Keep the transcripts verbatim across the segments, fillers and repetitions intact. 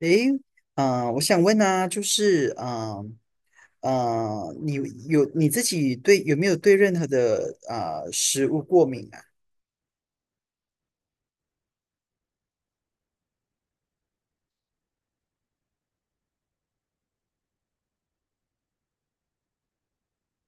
诶，啊、我想问啊，就是啊啊、呃你有你自己对有没有对任何的啊、食物过敏啊？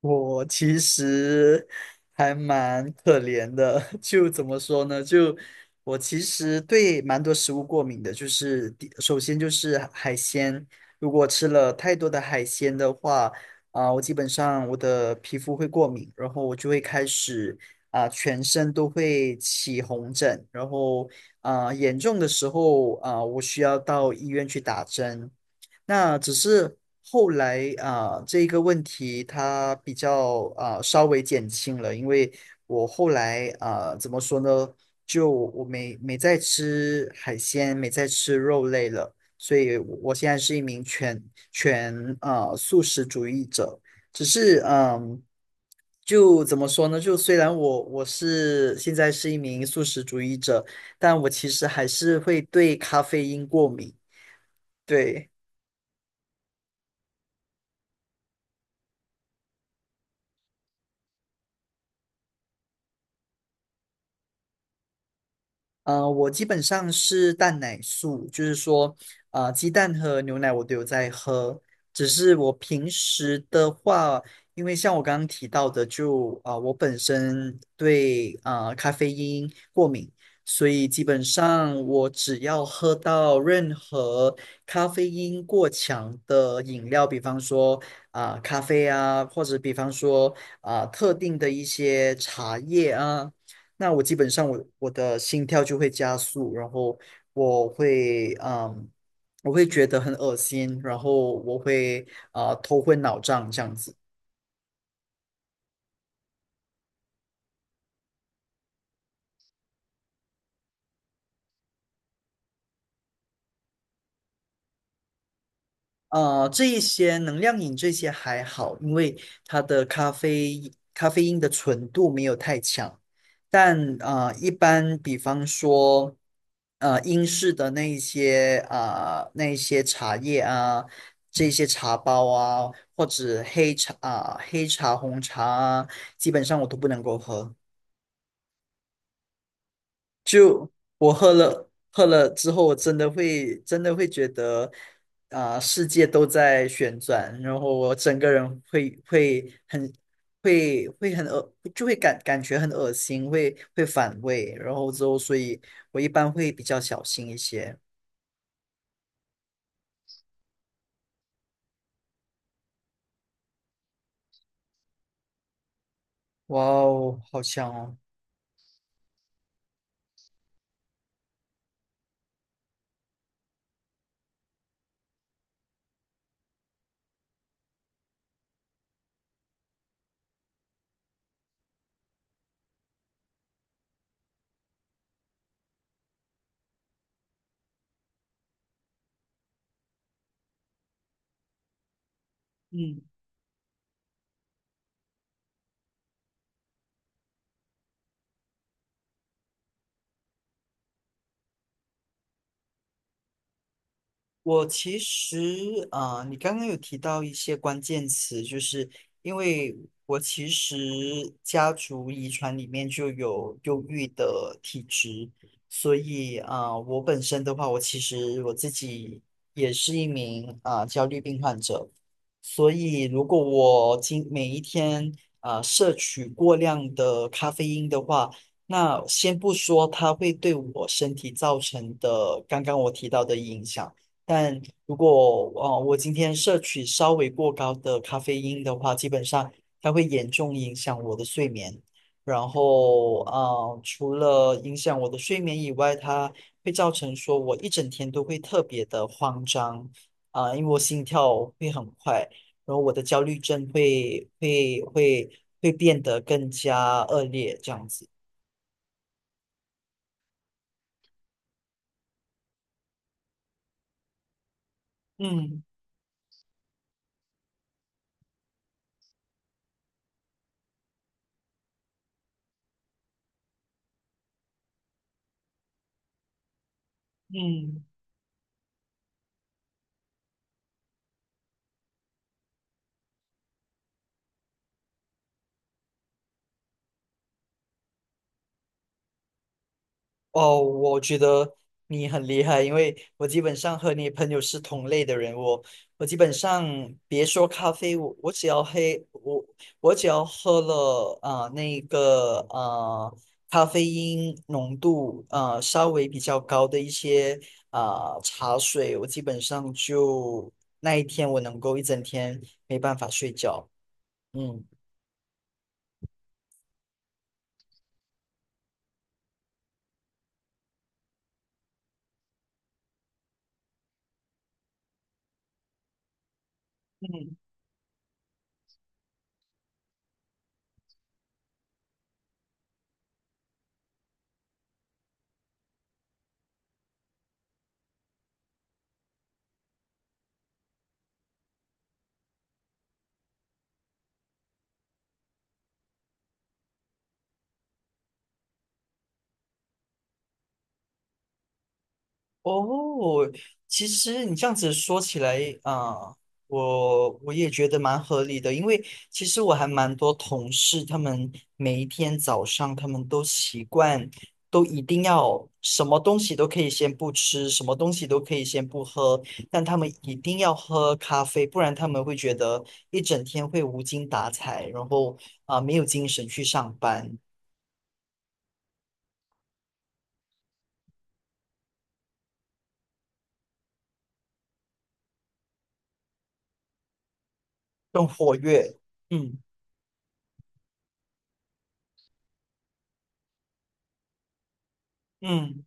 我其实还蛮可怜的，就怎么说呢？就我其实对蛮多食物过敏的，就是第首先就是海鲜，如果吃了太多的海鲜的话，啊、我基本上我的皮肤会过敏，然后我就会开始啊、全身都会起红疹，然后啊、严重的时候啊、我需要到医院去打针。那只是后来啊，这个问题它比较啊稍微减轻了，因为我后来啊怎么说呢，就我没没再吃海鲜，没再吃肉类了，所以我我现在是一名全全啊素食主义者，只是嗯。就怎么说呢？就虽然我我是现在是一名素食主义者，但我其实还是会对咖啡因过敏。对。呃，我基本上是蛋奶素，就是说，呃，鸡蛋和牛奶我都有在喝，只是我平时的话，因为像我刚刚提到的就，啊我本身对啊、呃咖啡因过敏，所以基本上我只要喝到任何咖啡因过强的饮料，比方说啊、咖啡啊，或者比方说啊、特定的一些茶叶啊。那我基本上我我的心跳就会加速，然后我会嗯，我会觉得很恶心，然后我会啊、呃头昏脑胀这样子。呃，这一些能量饮这些还好，因为它的咖啡咖啡因的纯度没有太强。但呃，一般比方说，呃，英式的那一些啊、那一些茶叶啊，这些茶包啊，或者黑茶啊、黑茶、红茶啊，基本上我都不能够喝。我喝了喝了之后，我真的会真的会觉得啊、世界都在旋转，然后我整个人会会很会会很恶，就会感感觉很恶心，会会反胃，然后之后，所以我一般会比较小心一些。哇哦，好香哦！嗯。我其实啊、呃你刚刚有提到一些关键词，就是因为我其实家族遗传里面就有忧郁的体质，所以啊、呃我本身的话，我其实我自己也是一名啊、呃焦虑病患者，所以如果我今每一天啊、呃摄取过量的咖啡因的话，那先不说它会对我身体造成的刚刚我提到的影响。但如果呃我今天摄取稍微过高的咖啡因的话，基本上它会严重影响我的睡眠。然后呃，除了影响我的睡眠以外，它会造成说我一整天都会特别的慌张啊、因为我心跳会很快，然后我的焦虑症会会会会变得更加恶劣这样子。嗯嗯。哦，我觉得你很厉害，因为我基本上和你朋友是同类的人。我我基本上别说咖啡，我我只要黑我我只要喝了啊、呃那个啊咖啡因浓度啊稍微比较高的一些啊、呃茶水，我基本上就那一天我能够一整天没办法睡觉。嗯嗯。哦，其实你这样子说起来啊，我我也觉得蛮合理的，因为其实我还蛮多同事，他们每一天早上他们都习惯，都一定要什么东西都可以先不吃，什么东西都可以先不喝，但他们一定要喝咖啡，不然他们会觉得一整天会无精打采，然后啊，没有精神去上班，更活跃。嗯嗯。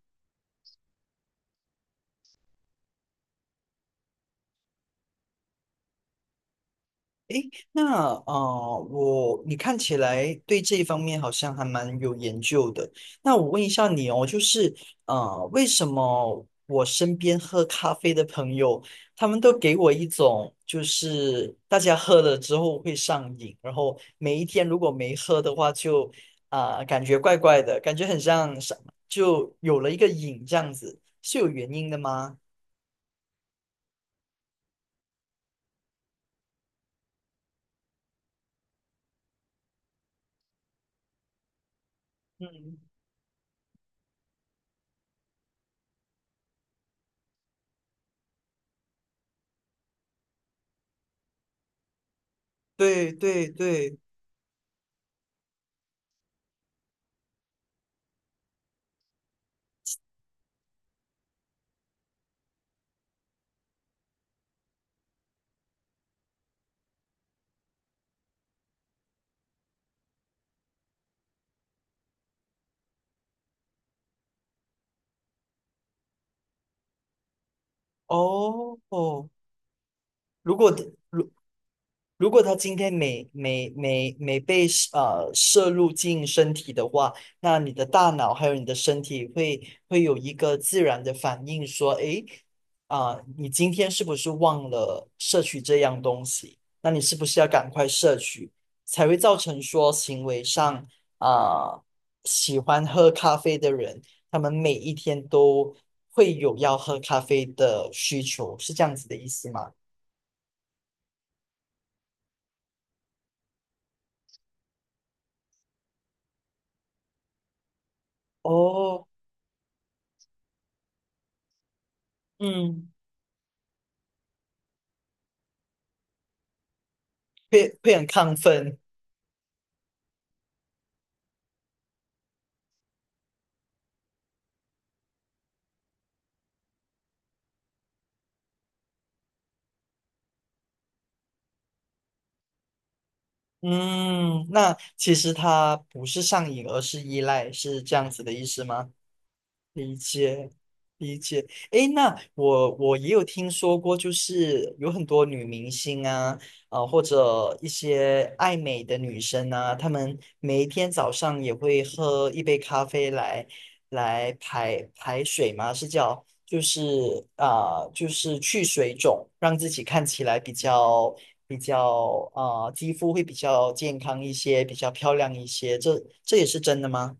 诶，那呃，我你看起来对这一方面好像还蛮有研究的。那我问一下你哦，就是呃，为什么我身边喝咖啡的朋友，他们都给我一种就是大家喝了之后会上瘾，然后每一天如果没喝的话就，啊感觉怪怪的，感觉很像上就有了一个瘾这样子，是有原因的吗？嗯，对对对，哦哦，如果如果他今天没没没没被呃摄入进身体的话，那你的大脑还有你的身体会会有一个自然的反应，说，诶，啊、你今天是不是忘了摄取这样东西？那你是不是要赶快摄取，才会造成说行为上啊、喜欢喝咖啡的人，他们每一天都会有要喝咖啡的需求，是这样子的意思吗？哦，嗯。会会很亢奋。嗯，那其实它不是上瘾，而是依赖，是这样子的意思吗？理解，理解。诶，那我我也有听说过，就是有很多女明星啊，啊、或者一些爱美的女生啊，她们每一天早上也会喝一杯咖啡来来排排水嘛，是叫就是啊、就是去水肿，让自己看起来比较比较啊、肌肤会比较健康一些，比较漂亮一些。这这也是真的吗？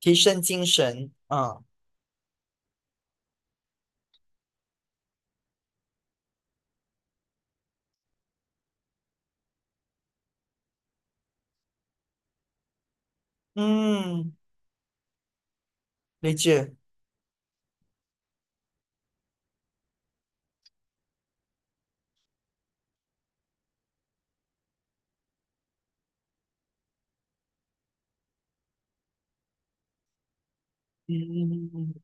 提升精神，嗯。嗯，理解，嗯嗯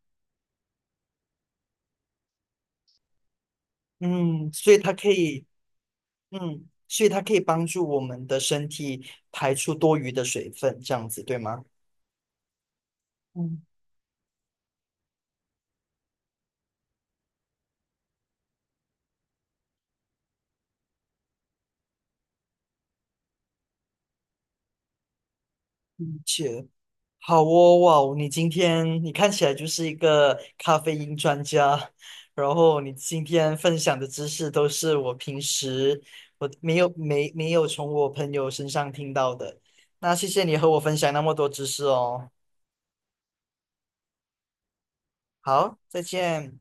嗯，嗯，所以它可以，嗯，所以它可以帮助我们的身体排出多余的水分，这样子对吗？嗯，理解。好哦，哇哦，你今天你看起来就是一个咖啡因专家，然后你今天分享的知识都是我平时我没有没没有从我朋友身上听到的，那谢谢你和我分享那么多知识哦。好，再见。